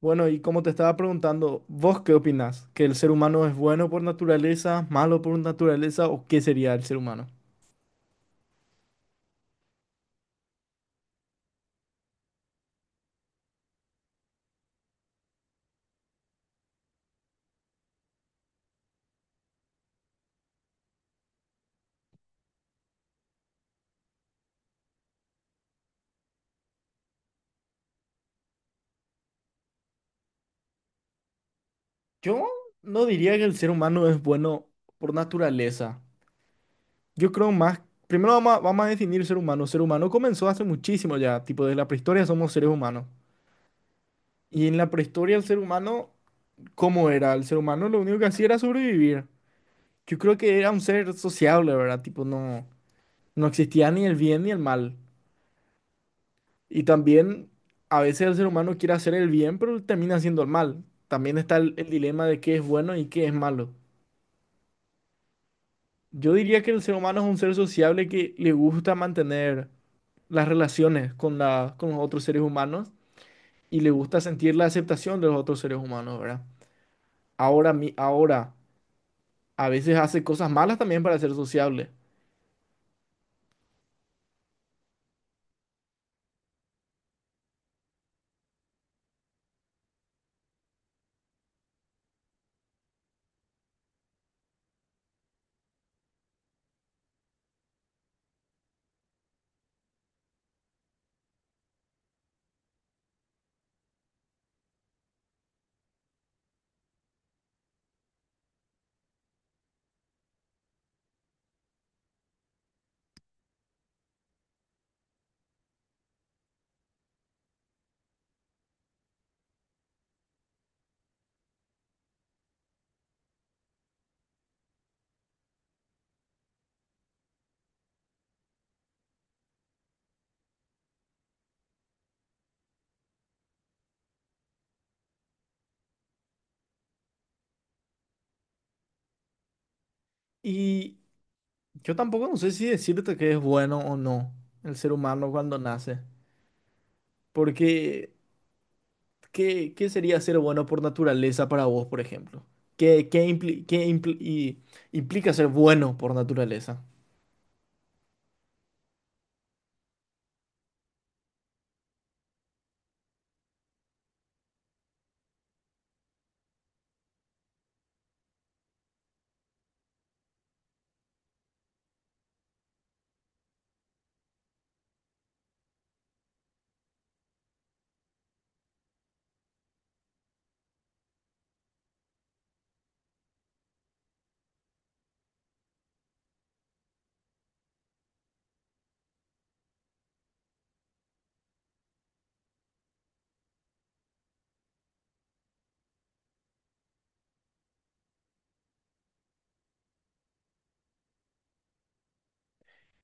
Bueno, y como te estaba preguntando, ¿vos qué opinás? ¿Que el ser humano es bueno por naturaleza, malo por naturaleza o qué sería el ser humano? Yo no diría que el ser humano es bueno por naturaleza. Yo creo más, primero vamos a definir ser humano. Ser humano comenzó hace muchísimo ya, tipo desde la prehistoria somos seres humanos. Y en la prehistoria el ser humano, ¿cómo era? El ser humano lo único que hacía era sobrevivir. Yo creo que era un ser sociable, ¿verdad? Tipo, no, no existía ni el bien ni el mal. Y también a veces el ser humano quiere hacer el bien, pero termina haciendo el mal. También está el dilema de qué es bueno y qué es malo. Yo diría que el ser humano es un ser sociable que le gusta mantener las relaciones con, la, con los otros seres humanos y le gusta sentir la aceptación de los otros seres humanos, ¿verdad? Ahora, mi, ahora, a veces hace cosas malas también para ser sociable. Y yo tampoco no sé si decirte que es bueno o no el ser humano cuando nace, porque... ¿Qué, qué sería ser bueno por naturaleza para vos, por ejemplo? ¿Qué, qué implica ser bueno por naturaleza?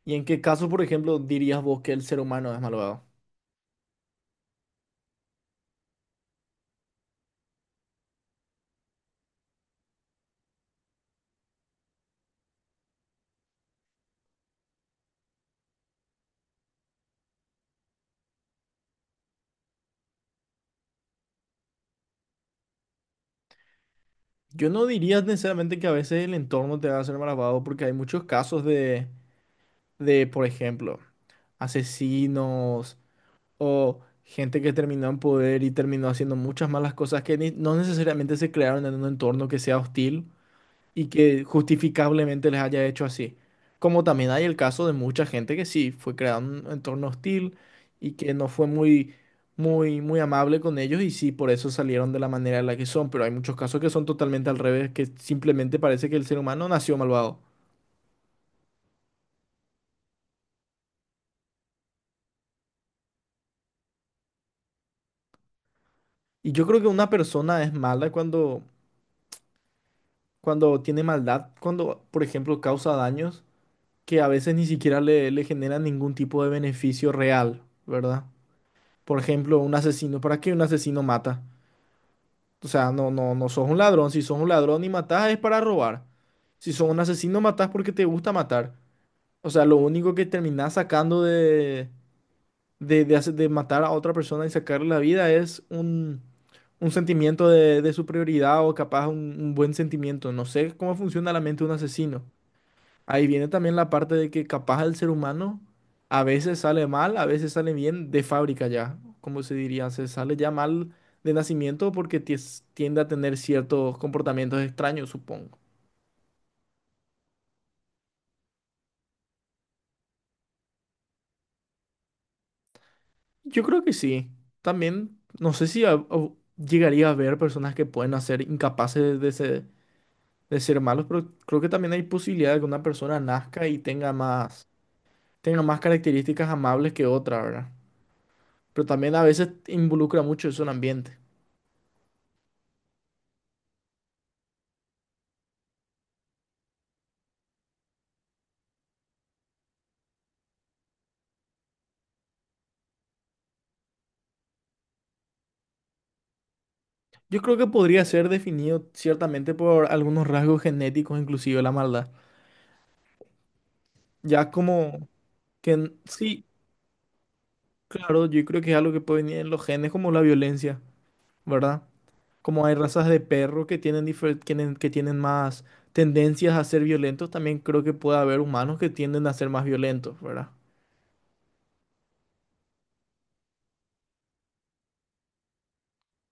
¿Y en qué caso, por ejemplo, dirías vos que el ser humano es malvado? Yo no diría necesariamente que a veces el entorno te va a ser malvado, porque hay muchos casos de, por ejemplo, asesinos o gente que terminó en poder y terminó haciendo muchas malas cosas que no necesariamente se crearon en un entorno que sea hostil y que justificablemente les haya hecho así. Como también hay el caso de mucha gente que sí, fue creado en un entorno hostil y que no fue muy, muy, muy amable con ellos y sí, por eso salieron de la manera en la que son, pero hay muchos casos que son totalmente al revés, que simplemente parece que el ser humano nació malvado. Y yo creo que una persona es mala cuando tiene maldad, cuando, por ejemplo, causa daños que a veces ni siquiera le generan ningún tipo de beneficio real, ¿verdad? Por ejemplo, un asesino, ¿para qué un asesino mata? O sea, no, no, no sos un ladrón. Si sos un ladrón y matás es para robar. Si sos un asesino, matás porque te gusta matar. O sea, lo único que terminás sacando de de matar a otra persona y sacarle la vida es un sentimiento de superioridad o capaz un buen sentimiento. No sé cómo funciona la mente de un asesino. Ahí viene también la parte de que capaz el ser humano a veces sale mal, a veces sale bien de fábrica ya, como se diría, se sale ya mal de nacimiento porque tiende a tener ciertos comportamientos extraños, supongo. Yo creo que sí. También, no sé si llegaría a haber personas que pueden nacer incapaces de ser malos, pero creo que también hay posibilidad de que una persona nazca y tenga más características amables que otra, ¿verdad? Pero también a veces involucra mucho eso en ambiente. Yo creo que podría ser definido ciertamente por algunos rasgos genéticos, inclusive la maldad. Ya como que sí, claro, yo creo que es algo que puede venir en los genes, como la violencia, ¿verdad? Como hay razas de perro que tienen, que tienen más tendencias a ser violentos, también creo que puede haber humanos que tienden a ser más violentos, ¿verdad?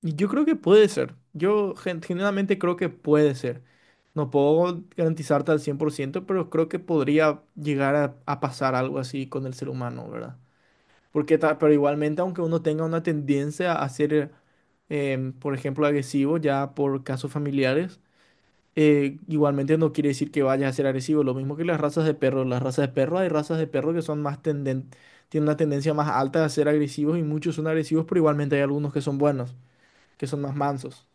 Y yo creo que puede ser. Yo genuinamente creo que puede ser. No puedo garantizarte al 100%, pero creo que podría llegar a pasar algo así con el ser humano, ¿verdad? Porque pero igualmente, aunque uno tenga una tendencia a ser, por ejemplo, agresivo ya por casos familiares, igualmente no quiere decir que vaya a ser agresivo. Lo mismo que las razas de perros. Las razas de perros, hay razas de perros que son más tenden, tienen una tendencia más alta a ser agresivos y muchos son agresivos, pero igualmente hay algunos que son buenos, que son más mansos.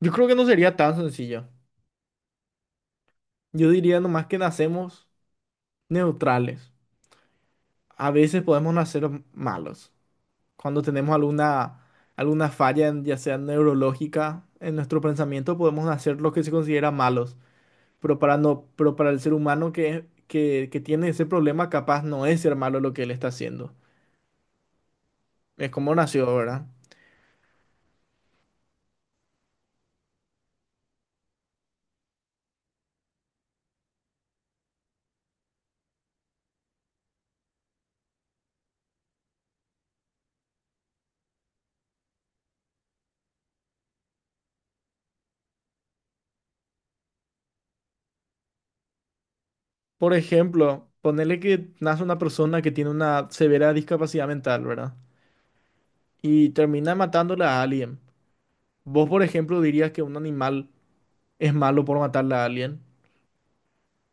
Yo creo que no sería tan sencillo. Yo diría nomás que nacemos neutrales. A veces podemos nacer malos. Cuando tenemos alguna, alguna falla, ya sea neurológica, en nuestro pensamiento, podemos hacer lo que se considera malos. Pero para, no, pero para el ser humano que tiene ese problema, capaz no es ser malo lo que él está haciendo. Es como nació, ¿verdad? Por ejemplo, ponerle que nace una persona que tiene una severa discapacidad mental, ¿verdad? Y termina matándola a alguien. ¿Vos, por ejemplo, dirías que un animal es malo por matarla a alguien?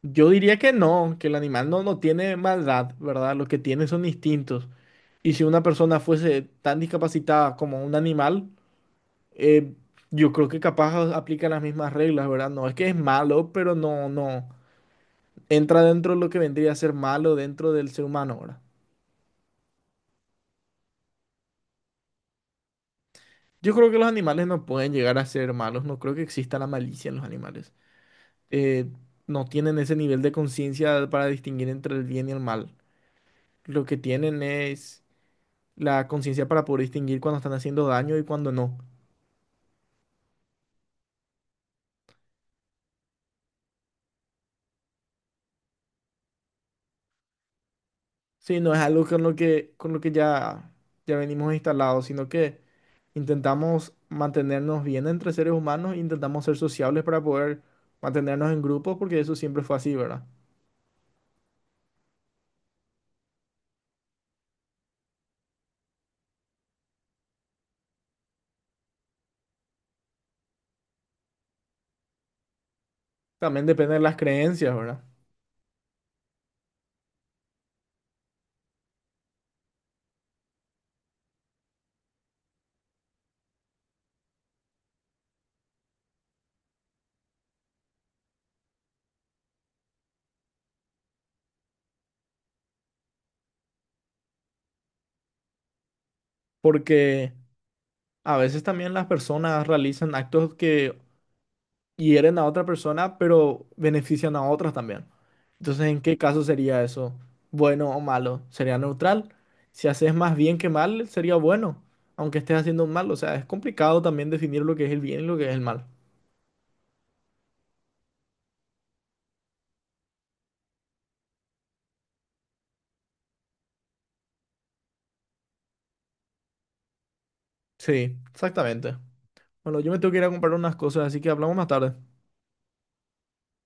Yo diría que no, que el animal no, no tiene maldad, ¿verdad? Lo que tiene son instintos. Y si una persona fuese tan discapacitada como un animal, eh, yo creo que capaz aplica las mismas reglas, ¿verdad? No es que es malo, pero no, no entra dentro de lo que vendría a ser malo dentro del ser humano, ¿verdad? Yo creo que los animales no pueden llegar a ser malos, no creo que exista la malicia en los animales. Eh, no tienen ese nivel de conciencia para distinguir entre el bien y el mal. Lo que tienen es la conciencia para poder distinguir cuando están haciendo daño y cuando no. Sí, no es algo con lo que ya, ya venimos instalados, sino que intentamos mantenernos bien entre seres humanos, intentamos ser sociables para poder mantenernos en grupos, porque eso siempre fue así, ¿verdad? También depende de las creencias, ¿verdad? Porque a veces también las personas realizan actos que hieren a otra persona, pero benefician a otras también. Entonces, ¿en qué caso sería eso? ¿Bueno o malo? Sería neutral. Si haces más bien que mal, sería bueno, aunque estés haciendo un mal. O sea, es complicado también definir lo que es el bien y lo que es el mal. Sí, exactamente. Bueno, yo me tengo que ir a comprar unas cosas, así que hablamos más tarde.